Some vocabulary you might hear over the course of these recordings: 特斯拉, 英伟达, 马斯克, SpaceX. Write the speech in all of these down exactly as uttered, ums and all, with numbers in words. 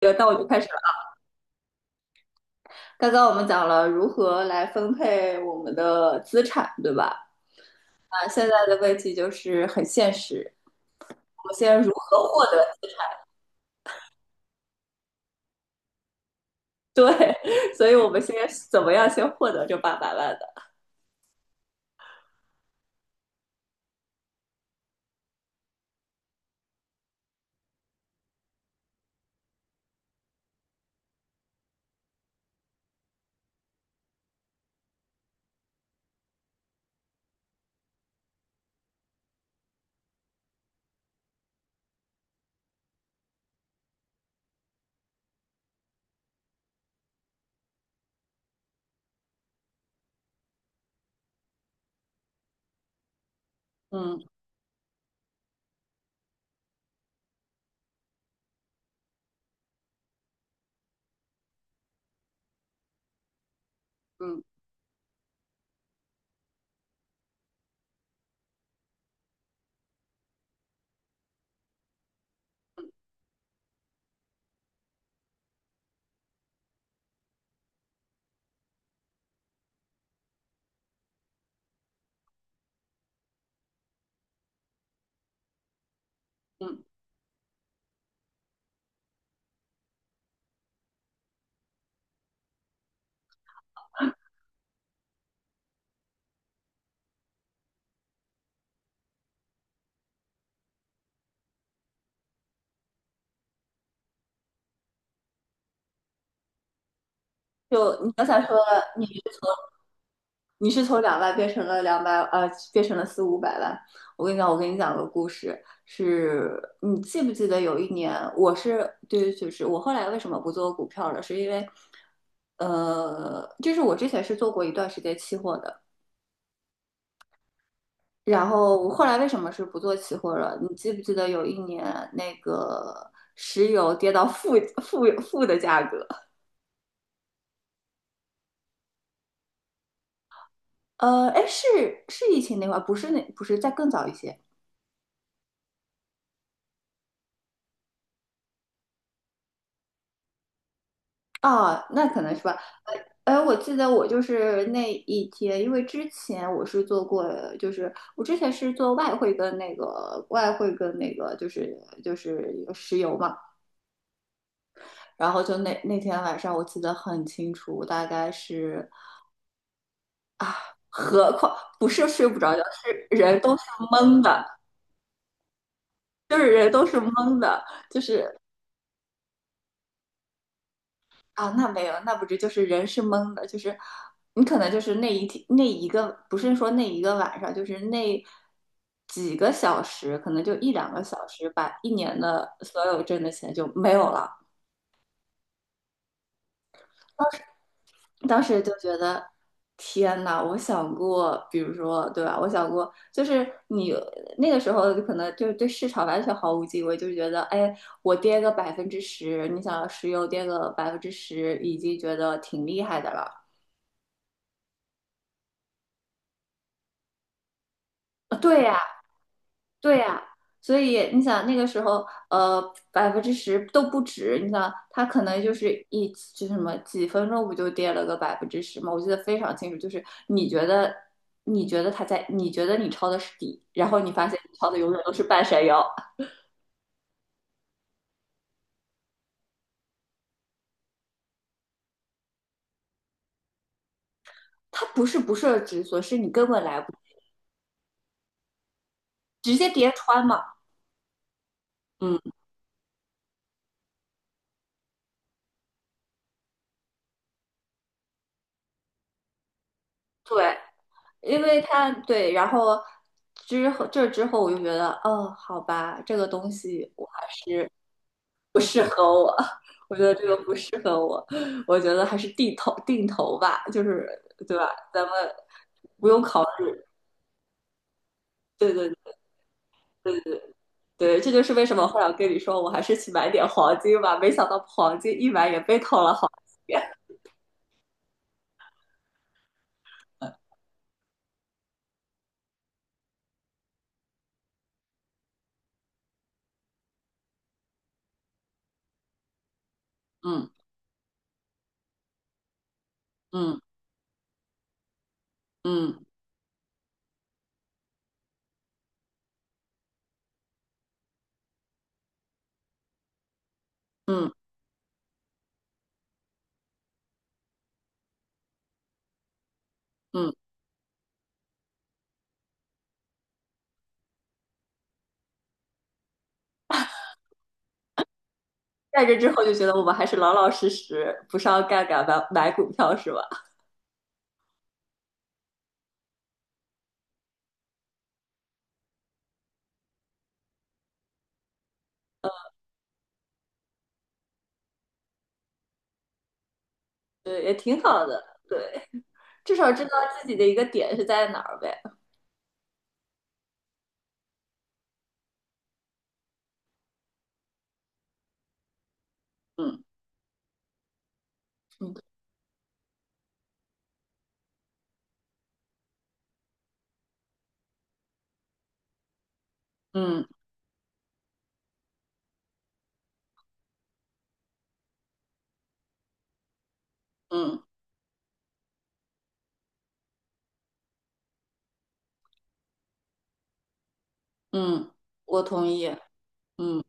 那我就开始了。刚刚我们讲了如何来分配我们的资产，对吧？啊，现在的问题就是很现实，我们先如何获得？对，所以我们先怎么样先获得这八百万的？嗯嗯嗯。就你刚才说你你是从两万变成了两百，呃，变成了四五百万。我跟你讲，我跟你讲个故事。是你记不记得有一年，我是对，就是我后来为什么不做股票了，是因为，呃，就是我之前是做过一段时间期货的。然后我后来为什么是不做期货了？你记不记得有一年那个石油跌到负负负的价格？呃，哎，是是疫情那会儿，不是那不是再更早一些。啊，那可能是吧。哎，我记得我就是那一天，因为之前我是做过，就是我之前是做外汇跟那个外汇跟那个就是就是石油嘛。然后就那那天晚上我记得很清楚，大概是何况不是睡不着觉，是人都是懵的。就是人都是懵的。就是啊，那没有，那不是就是人是懵的。就是你可能就是那一天那一个，不是说那一个晚上，就是那几个小时，可能就一两个小时，把一年的所有挣的钱就没有了。当时就觉得，天呐，我想过，比如说，对吧？我想过，就是你那个时候就可能就是对市场完全毫无敬畏，就是觉得，哎，我跌个百分之十，你想石油跌个百分之十，已经觉得挺厉害的了。对呀。对呀。所以你想那个时候，呃，百分之十都不止。你想，它可能就是一就是什么几分钟不就跌了个百分之十吗？我记得非常清楚，就是你觉得你觉得它在，你觉得你抄的是底，然后你发现你抄的永远都是半山腰。它不是不设止损，是你根本来不直接跌穿嘛。嗯，对，因为它对。然后之后这之后我就觉得，哦，好吧，这个东西。我。不适合我。我觉得这个不适合我。我觉得还是定投定投吧，就是对吧？咱们不用考虑。对对对，这就是为什么后来我跟你说，我还是去买点黄金吧，没想到黄金一买也被套了好几遍。嗯嗯嗯嗯嗯。在这之后就觉得我们还是老老实实，不上杠杆买买股票是吧？对，也挺好的，对，至少知道自己的一个点是在哪儿呗。嗯嗯嗯嗯嗯，我同意。嗯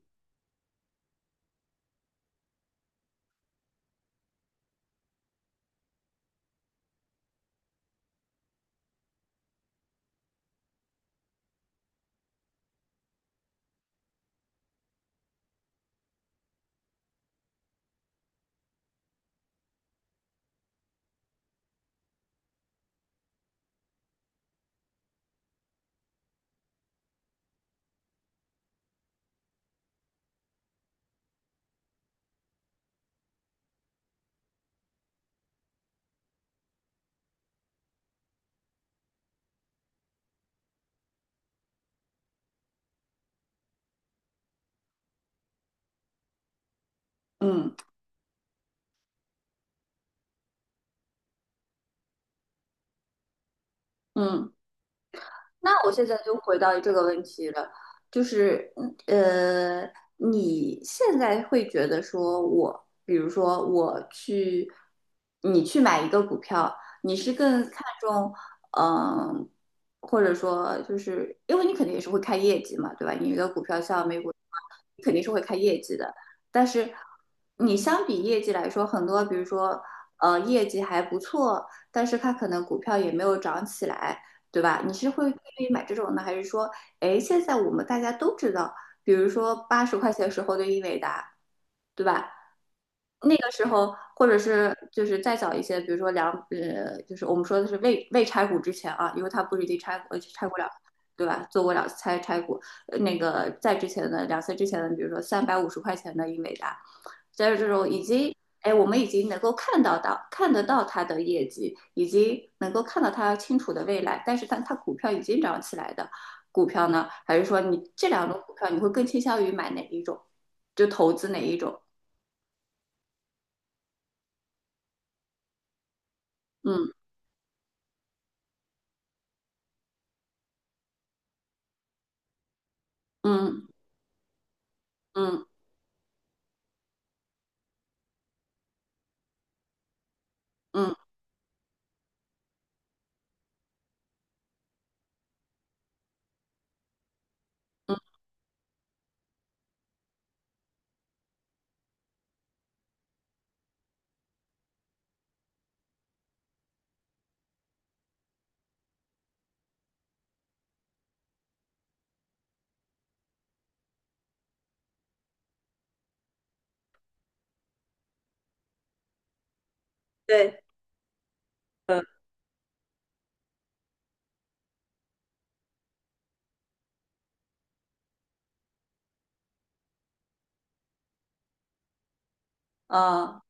嗯嗯。那我现在就回到这个问题了，就是嗯呃，你现在会觉得说我，比如说我去，你去买一个股票，你是更看重嗯、或者说就是因为你肯定也是会看业绩嘛，对吧？你一个股票像美股，你肯定是会看业绩的，但是你相比业绩来说，很多比如说呃业绩还不错，但是它可能股票也没有涨起来。对吧？你是会愿意买这种呢，还是说，哎，现在我们大家都知道，比如说八十块钱时候的英伟达，对吧？那个时候，或者是就是再早一些，比如说两呃，就是我们说的是未未拆股之前啊，因为他不是已经拆呃拆过了，对吧？做过两次拆拆股。呃那个在之前的两次之前的，比如说三百五十块钱的英伟达，在这种已经，哎，我们已经能够看到到看得到它的业绩，已经能够看到它清楚的未来，但是它它股票已经涨起来的股票呢，还是说你这两种股票，你会更倾向于买哪一种？就投资哪一种？嗯嗯。嗯嗯，对，啊、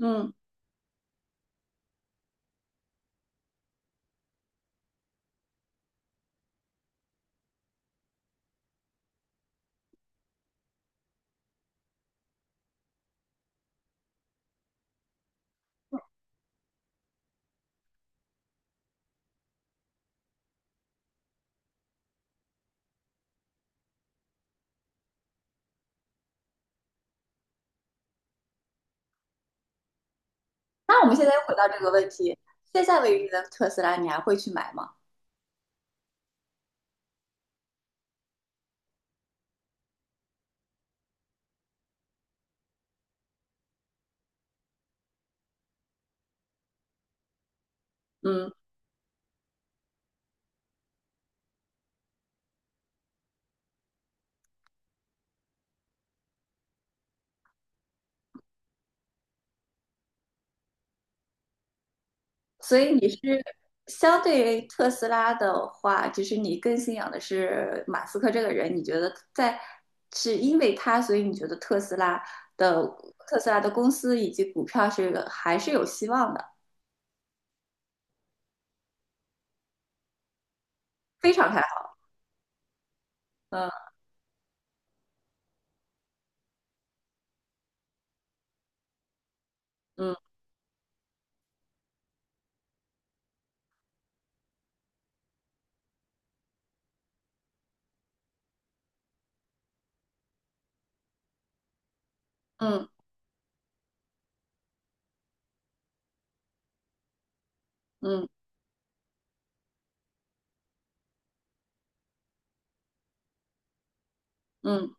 嗯，那我们现在又回到这个问题，现在为例的特斯拉，你还会去买吗？嗯，所以你是相对于特斯拉的话，就是你更信仰的是马斯克这个人，你觉得在是因为他，所以你觉得特斯拉的特斯拉的公司以及股票是还是有希望的，非常看好。嗯嗯嗯嗯嗯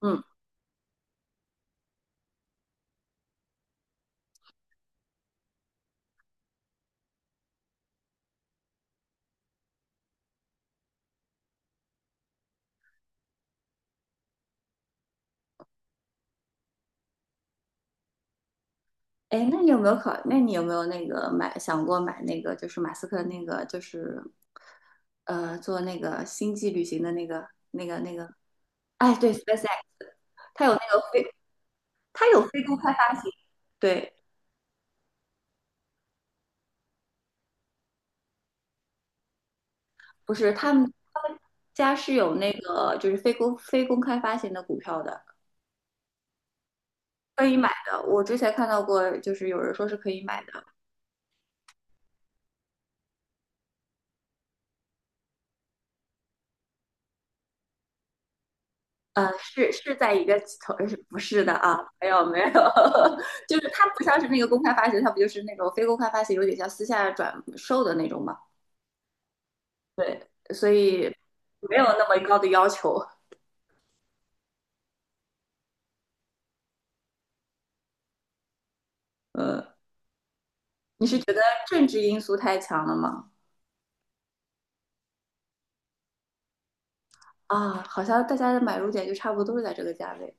嗯。哎，那你有没有考？那你有没有那个买想过买那个就是马斯克那个就是呃做那个星际旅行的那个那个那个？哎，对，SpaceX,它有那个非它有非公开发行。对，不是他们他们家是有那个就是非公非公开发行的股票的，可以买的。我之前看到过，就是有人说是可以买的。呃，是是在一个投，是不是的啊？没有没有，就是它不像是那个公开发行，它不就是那种非公开发行，有点像私下转售的那种嘛，所以没有那么高的要求。呃，你是觉得政治因素太强了吗？啊，好像大家的买入点就差不多都是在这个价位。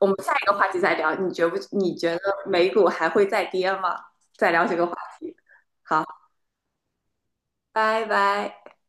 我们下一个话题再聊，你觉不？你觉得美股还会再跌吗？再聊这个话题。好，拜拜。